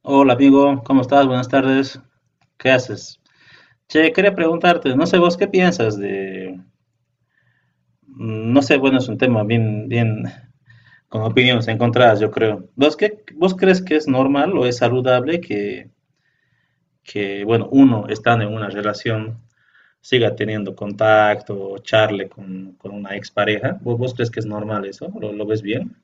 Hola amigo, ¿cómo estás? Buenas tardes. ¿Qué haces? Che, quería preguntarte, no sé vos qué piensas de... No sé, bueno, es un tema bien, con opiniones encontradas, yo creo. ¿Vos crees que es normal o es saludable que, bueno, uno estando en una relación siga teniendo contacto o charle con una expareja? ¿Vos crees que es normal eso? ¿Lo ves bien?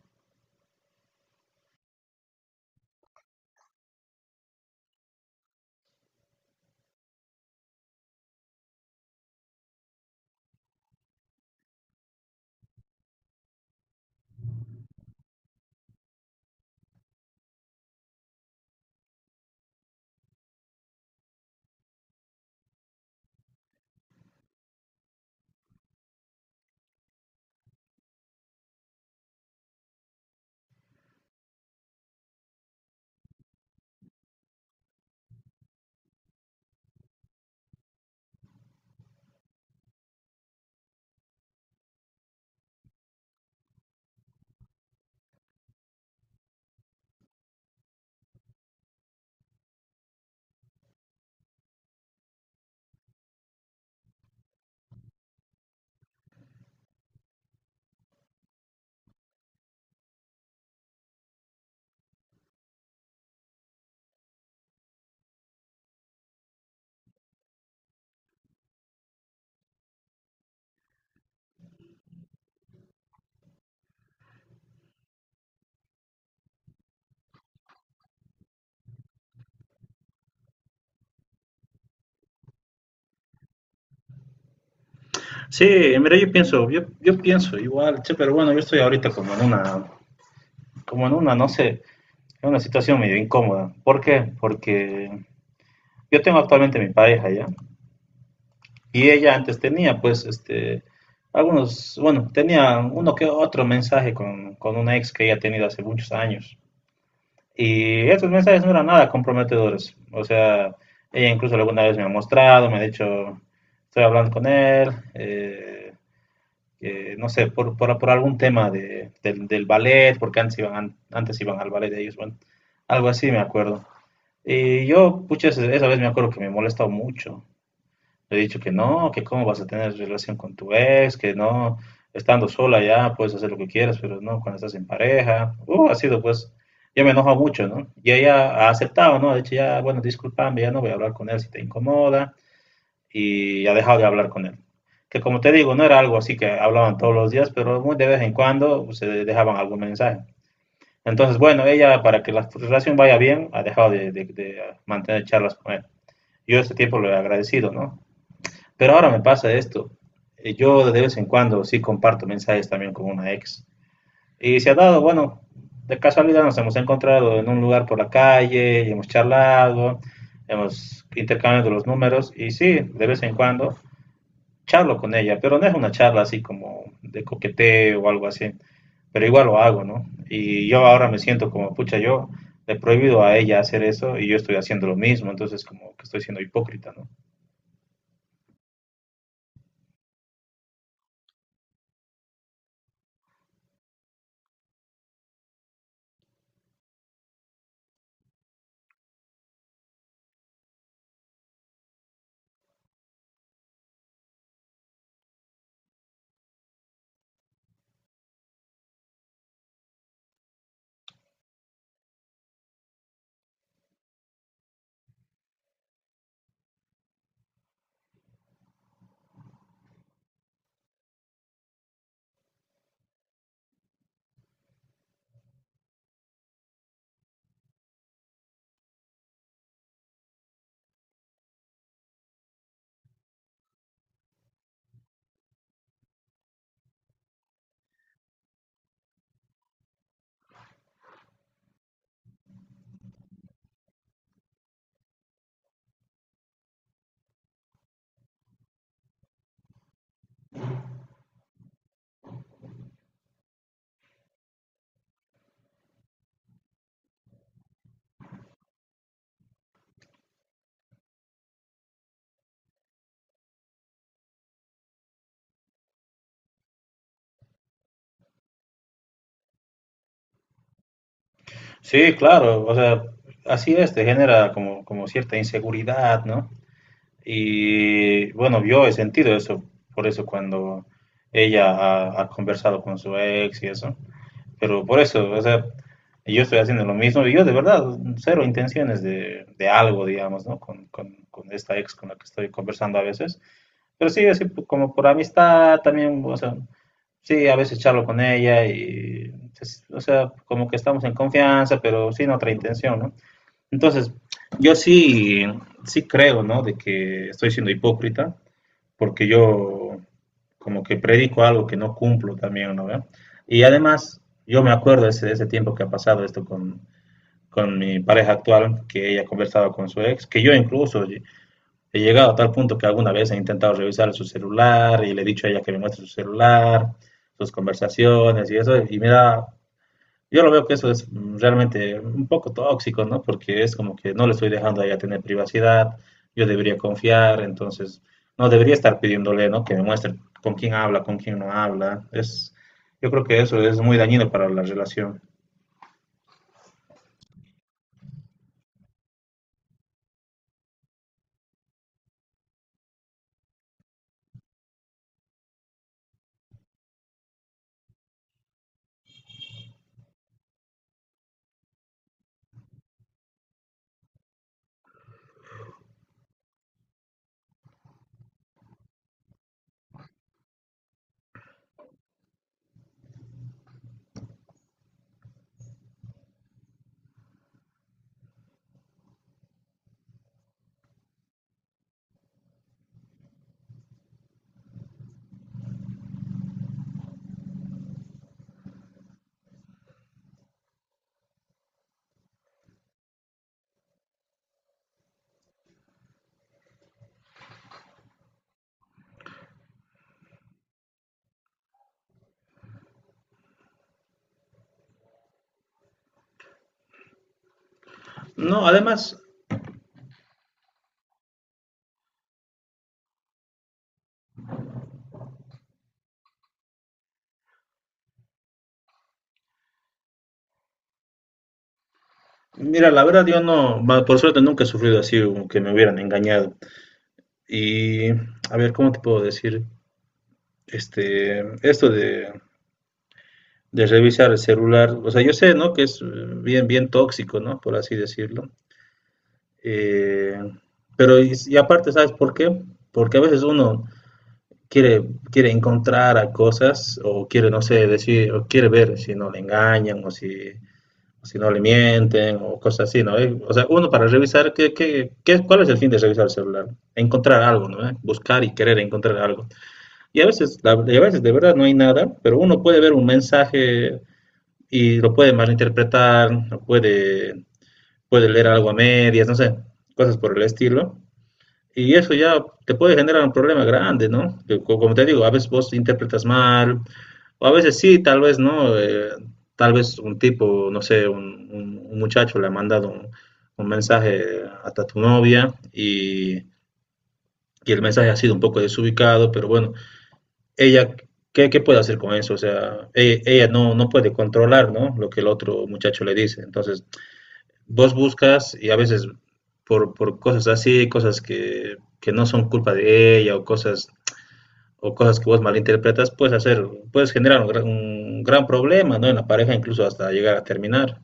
Sí, mira, yo pienso, yo pienso igual, che, pero bueno, yo estoy ahorita como en una, no sé. Es una situación medio incómoda. ¿Por qué? Porque yo tengo actualmente mi pareja ya. Y ella antes tenía, pues, este, algunos, bueno, tenía uno que otro mensaje con una ex que ella ha tenido hace muchos años. Y estos mensajes no eran nada comprometedores. O sea, ella incluso alguna vez me ha mostrado, me ha dicho, estoy hablando con él, eh, no sé, por algún tema de, del ballet, porque antes iban al ballet de ellos, bueno, algo así me acuerdo. Y yo, pucha, esa vez me acuerdo que me he molestado mucho. Le he dicho que no, que cómo vas a tener relación con tu ex, que no, estando sola ya puedes hacer lo que quieras, pero no cuando estás en pareja. Ha sido pues, yo me enojo mucho, ¿no? Y ella ha aceptado, ¿no? Ha dicho ya, bueno, discúlpame, ya no voy a hablar con él si te incomoda. Y ha dejado de hablar con él. Que como te digo, no era algo así que hablaban todos los días, pero muy de vez en cuando pues, se dejaban algún mensaje. Entonces, bueno, ella para que la relación vaya bien ha dejado de mantener charlas con él. Yo este tiempo lo he agradecido, ¿no? Pero ahora me pasa esto. Yo de vez en cuando sí comparto mensajes también con una ex. Y se ha dado, bueno, de casualidad nos hemos encontrado en un lugar por la calle, y hemos charlado, hemos intercambiado los números y sí, de vez en cuando charlo con ella, pero no es una charla así como de coqueteo o algo así, pero igual lo hago, ¿no? Y yo ahora me siento como, pucha, yo le he prohibido a ella hacer eso y yo estoy haciendo lo mismo, entonces como que estoy siendo hipócrita, ¿no? Sí, claro, o sea, así es, te genera como, como cierta inseguridad, ¿no? Y bueno, yo he sentido eso, por eso cuando ella ha conversado con su ex y eso, pero por eso, o sea, yo estoy haciendo lo mismo y yo de verdad, cero intenciones de algo, digamos, ¿no? Con esta ex con la que estoy conversando a veces. Pero sí, así como por amistad también, o sea, sí, a veces charlo con ella y, pues, o sea, como que estamos en confianza, pero sin otra intención, ¿no? Entonces, yo sí creo, ¿no? De que estoy siendo hipócrita, porque yo como que predico algo que no cumplo también, ¿no? ve? Y además, yo me acuerdo de ese tiempo que ha pasado esto con mi pareja actual, que ella conversaba con su ex, que yo incluso he llegado a tal punto que alguna vez he intentado revisar su celular y le he dicho a ella que me muestre su celular, sus conversaciones y eso. Y mira, yo lo veo que eso es realmente un poco tóxico, ¿no? Porque es como que no le estoy dejando a ella tener privacidad, yo debería confiar, entonces no debería estar pidiéndole, ¿no? Que me muestre con quién habla, con quién no habla. Es, yo creo que eso es muy dañino para la relación. No, además, mira, la verdad yo no, va, por suerte nunca he sufrido así, como que me hubieran engañado. Y a ver, ¿cómo te puedo decir? Este, esto de revisar el celular, o sea, yo sé, ¿no? Que es bien tóxico, ¿no? Por así decirlo. Eh, pero y aparte, ¿sabes por qué? Porque a veces uno quiere, quiere encontrar a cosas o quiere, no sé, decir, o quiere ver si no le engañan o si no le mienten o cosas así, ¿no? O sea, uno para revisar, cuál es el fin de revisar el celular? Encontrar algo, ¿no? Buscar y querer encontrar algo. Y a veces, y a veces de verdad no hay nada, pero uno puede ver un mensaje y lo puede malinterpretar, lo puede, puede leer algo a medias, no sé, cosas por el estilo. Y eso ya te puede generar un problema grande, ¿no? Que como te digo, a veces vos interpretas mal, o a veces sí, tal vez no. Tal vez un tipo, no sé, un, un muchacho le ha mandado un mensaje hasta tu novia y el mensaje ha sido un poco desubicado, pero bueno. Ella, ¿qué, qué puede hacer con eso? O sea, ella, no, no puede controlar, ¿no? Lo que el otro muchacho le dice. Entonces, vos buscas y a veces por cosas así, cosas que no son culpa de ella o cosas que vos malinterpretas, puedes hacer, puedes generar un, un gran problema, ¿no? En la pareja, incluso hasta llegar a terminar.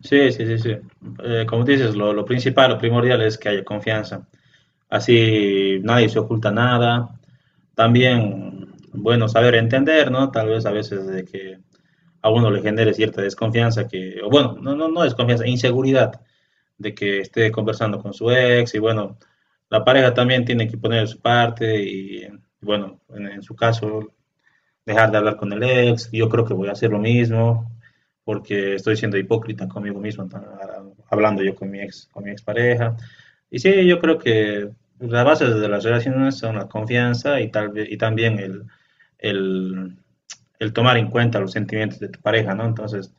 Sí, sí, sí, sí. Como dices, lo principal, lo primordial es que haya confianza. Así nadie se oculta nada. También, bueno, saber entender, ¿no? Tal vez a veces de que a uno le genere cierta desconfianza que, o bueno, no desconfianza, inseguridad de que esté conversando con su ex y bueno, la pareja también tiene que poner de su parte y bueno, en su caso dejar de hablar con el ex, yo creo que voy a hacer lo mismo, porque estoy siendo hipócrita conmigo mismo, hablando yo con mi ex, con mi expareja. Y sí, yo creo que las bases de las relaciones son la confianza y, y también el, el tomar en cuenta los sentimientos de tu pareja, ¿no? Entonces,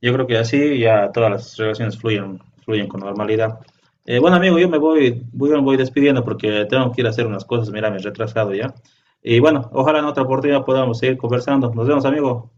yo creo que así ya todas las relaciones fluyen, fluyen con normalidad. Bueno, amigo, yo me voy, voy, me voy despidiendo porque tengo que ir a hacer unas cosas. Mira, me he retrasado ya. Y bueno, ojalá en otra oportunidad podamos seguir conversando. Nos vemos, amigo.